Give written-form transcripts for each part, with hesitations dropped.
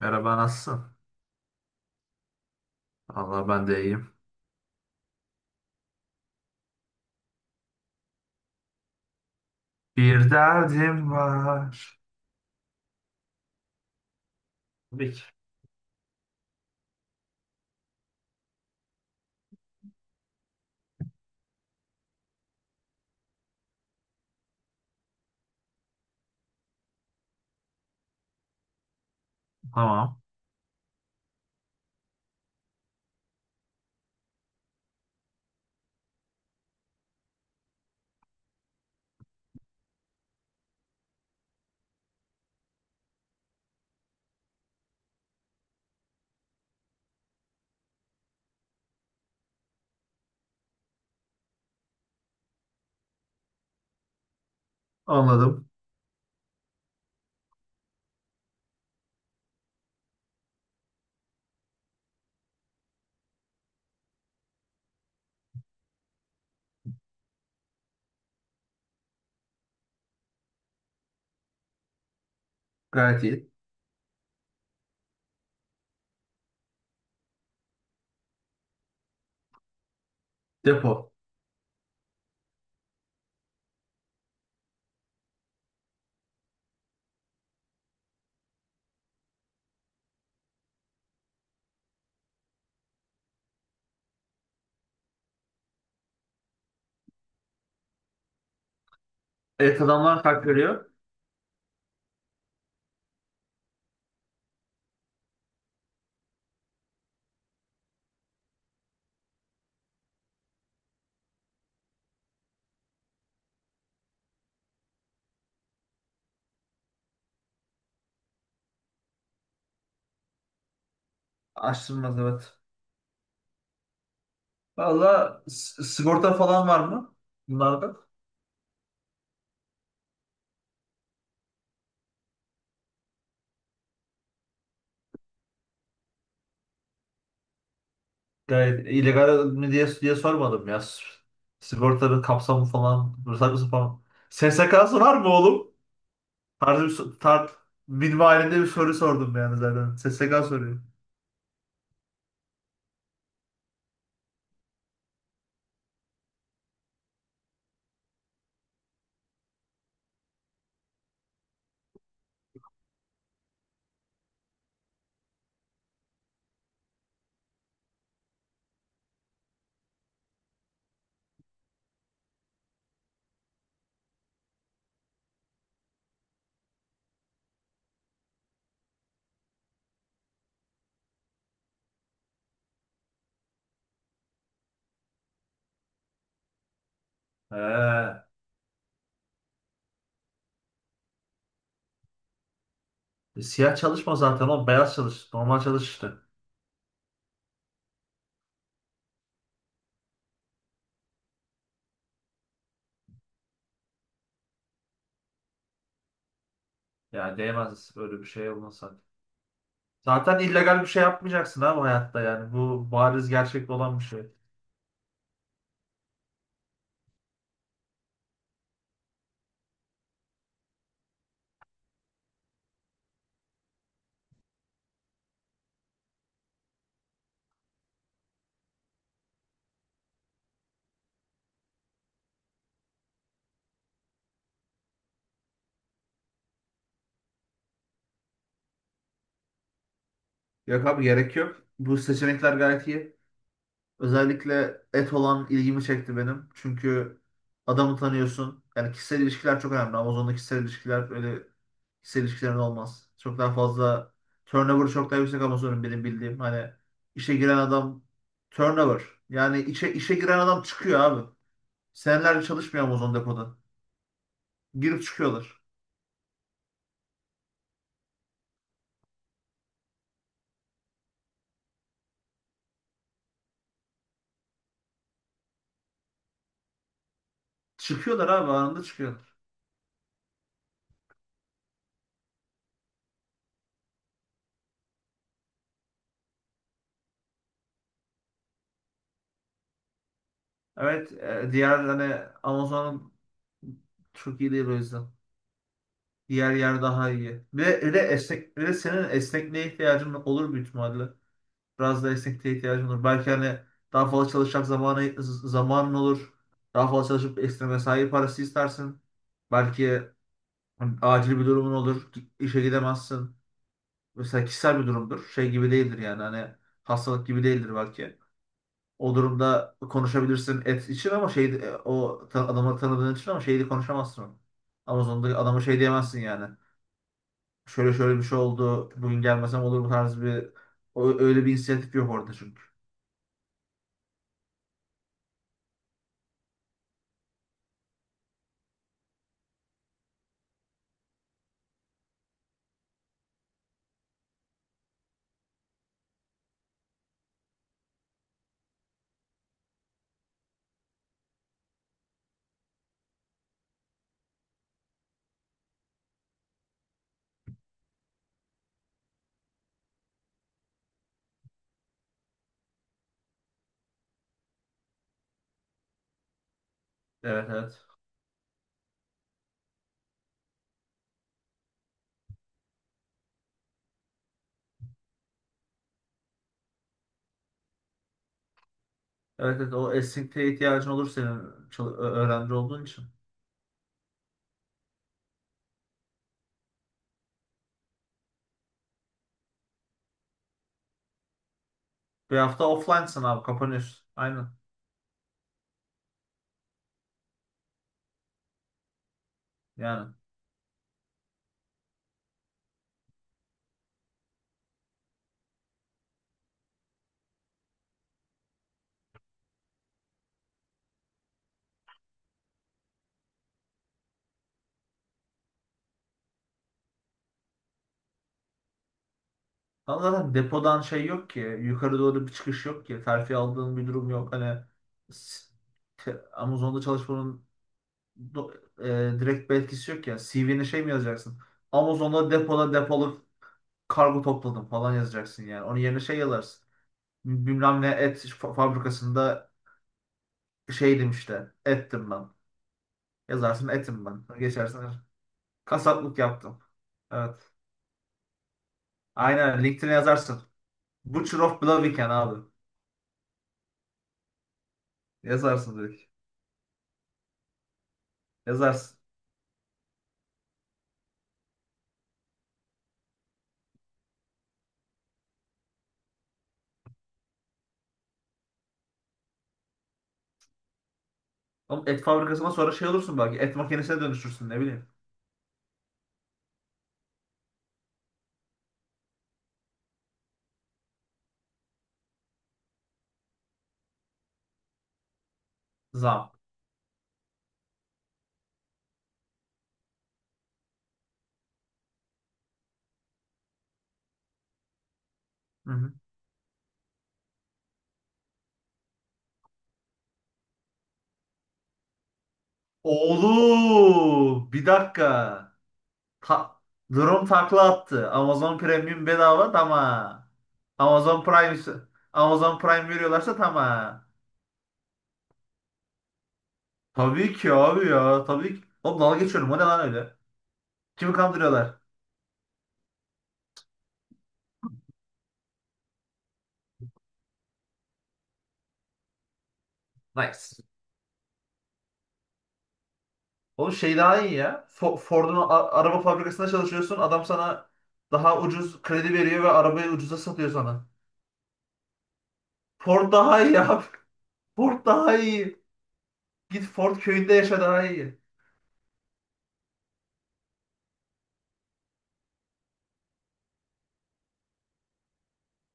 Merhaba, nasılsın? Allah ben de iyiyim. Bir derdim var. Tabii ki. Tamam. Anladım. Gayet iyi. Depo. Evet, adamlar kalk veriyor. Açtırmaz, evet. Valla, sigorta falan var mı? Bunlarda. Gayet illegal mi diye, sormadım ya. Sigortanın kapsamı falan. Ruhsatlısı falan. SSK'sı var mı oğlum? Tarzı bir, so- tar minvalinde bir soru sordum yani zaten. SSK soruyor. He. Siyah çalışma zaten, o beyaz çalış. Normal çalış işte. Yani değmez öyle bir şey olmasa. Zaten illegal bir şey yapmayacaksın abi hayatta yani. Bu bariz gerçek olan bir şey. Yok abi, gerek yok. Bu seçenekler gayet iyi. Özellikle et olan ilgimi çekti benim. Çünkü adamı tanıyorsun. Yani kişisel ilişkiler çok önemli. Amazon'da kişisel ilişkiler öyle kişisel ilişkilerin olmaz. Çok daha fazla turnover, çok daha yüksek Amazon'un benim bildiğim. Hani işe giren adam turnover. Yani işe giren adam çıkıyor abi. Senelerce çalışmıyor Amazon depoda. Girip çıkıyorlar. Çıkıyorlar abi, anında çıkıyorlar. Evet, diğer hani Amazon çok iyi değil o yüzden. Diğer yer daha iyi. Bir de esnek, bir de senin esnekliğe ihtiyacın olur büyük ihtimalle. Biraz da esnekliğe ihtiyacın olur. Belki hani daha fazla çalışacak zamanı, zamanın olur. Daha fazla çalışıp ekstra mesai parası istersin. Belki hani acil bir durumun olur. İşe gidemezsin. Mesela kişisel bir durumdur. Şey gibi değildir yani hani hastalık gibi değildir belki. O durumda konuşabilirsin et için ama şey o adamı tanıdığın için, ama şeyi konuşamazsın onu. Amazon'da adama şey diyemezsin yani. Şöyle şöyle bir şey oldu. Bugün gelmesem olur mu tarzı bir öyle bir inisiyatif yok orada çünkü. Evet, evet. Evet evet, o esnekliğe ihtiyacın olur senin, öğrenci olduğun için. Bir hafta offline'sın abi, kapanıyorsun. Aynen yani. Ama zaten depodan şey yok ki. Yukarı doğru bir çıkış yok ki. Terfi aldığın bir durum yok. Hani s- Amazon'da çalışmanın do- direkt bir etkisi yok ya. CV'ne şey mi yazacaksın? Amazon'da depoda kargo topladım falan yazacaksın yani. Onun yerine şey yazarsın. Bilmem ne et fabrikasında şeydim işte. Ettim ben. Yazarsın, etim ben. Geçersin. Kasaplık yaptım. Evet. Aynen LinkedIn'e yazarsın. Butcher of Blaviken abi. Yazarsın direkt. Yazarsın. Oğlum et fabrikasına, sonra şey olursun belki. Et makinesine dönüşürsün, ne bileyim. Zam. Hı hı. Oğlum bir dakika. Ta- Durum takla attı. Amazon Premium bedava, tamam. Amazon Prime, Amazon Prime veriyorlarsa tamam. Tabii ki abi ya. Tabii ki. Oğlum, dalga geçiyorum. O ne lan öyle? Kimi kandırıyorlar? Nice. Oğlum şey daha iyi ya. Ford'un araba fabrikasında çalışıyorsun. Adam sana daha ucuz kredi veriyor ve arabayı ucuza satıyor sana. Ford daha iyi abi. Ford daha iyi. Git Ford köyünde yaşa, daha iyi.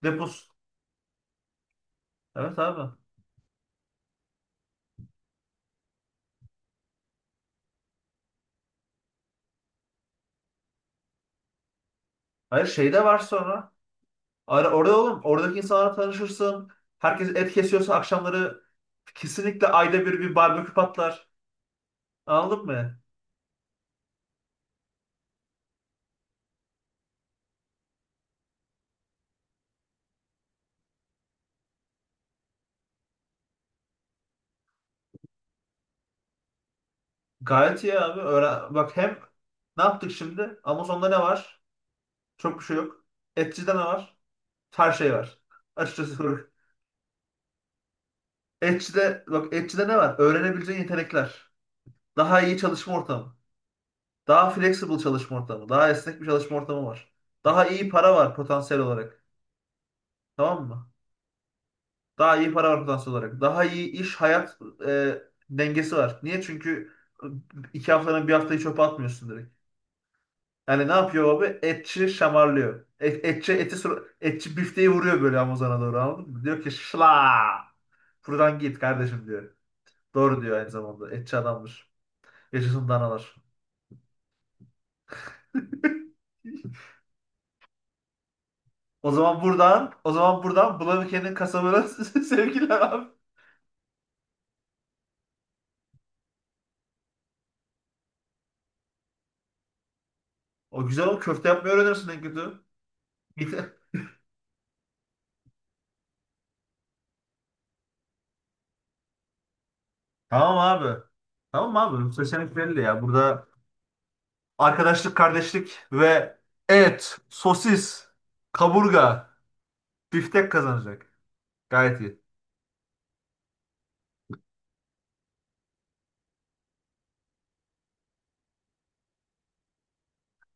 Depos. Evet abi. Hayır, şey de var sonra. Orada oğlum, oradaki insanlarla tanışırsın. Herkes et kesiyorsa akşamları kesinlikle ayda bir bir barbekü patlar. Anladın mı? Gayet iyi abi. Öğren. Bak hem ne yaptık şimdi? Amazon'da ne var? Çok bir şey yok. Etçi'de ne var? Her şey var. Açıkçası soru. Etçi'de, bak, Etçi'de ne var? Öğrenebileceğin yetenekler. Daha iyi çalışma ortamı. Daha flexible çalışma ortamı. Daha esnek bir çalışma ortamı var. Daha iyi para var potansiyel olarak. Tamam mı? Daha iyi para ortalaması olarak. Daha iyi iş hayat e, dengesi var. Niye? Çünkü iki haftanın bir haftayı çöpe atmıyorsun direkt. Yani ne yapıyor abi? Etçi şamarlıyor. Et, eti etçi bifteyi vuruyor böyle Amazon'a doğru, anladın mı? Diyor ki şla. Buradan git kardeşim diyor. Doğru diyor aynı zamanda. Etçi adammış. Yaşasın danalar. O zaman buradan Bulanık'ın kasabına sevgiler abi. O güzel, o köfte yapmayı öğrenirsin en kötü. Tamam abi. Tamam abi. Bu seçenek belli ya. Burada arkadaşlık, kardeşlik ve et, sosis, kaburga, biftek kazanacak. Gayet iyi.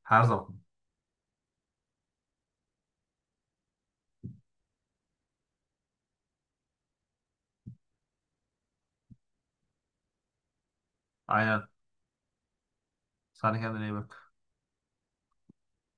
Her zaman. Aynen. Sen de kendine iyi bak.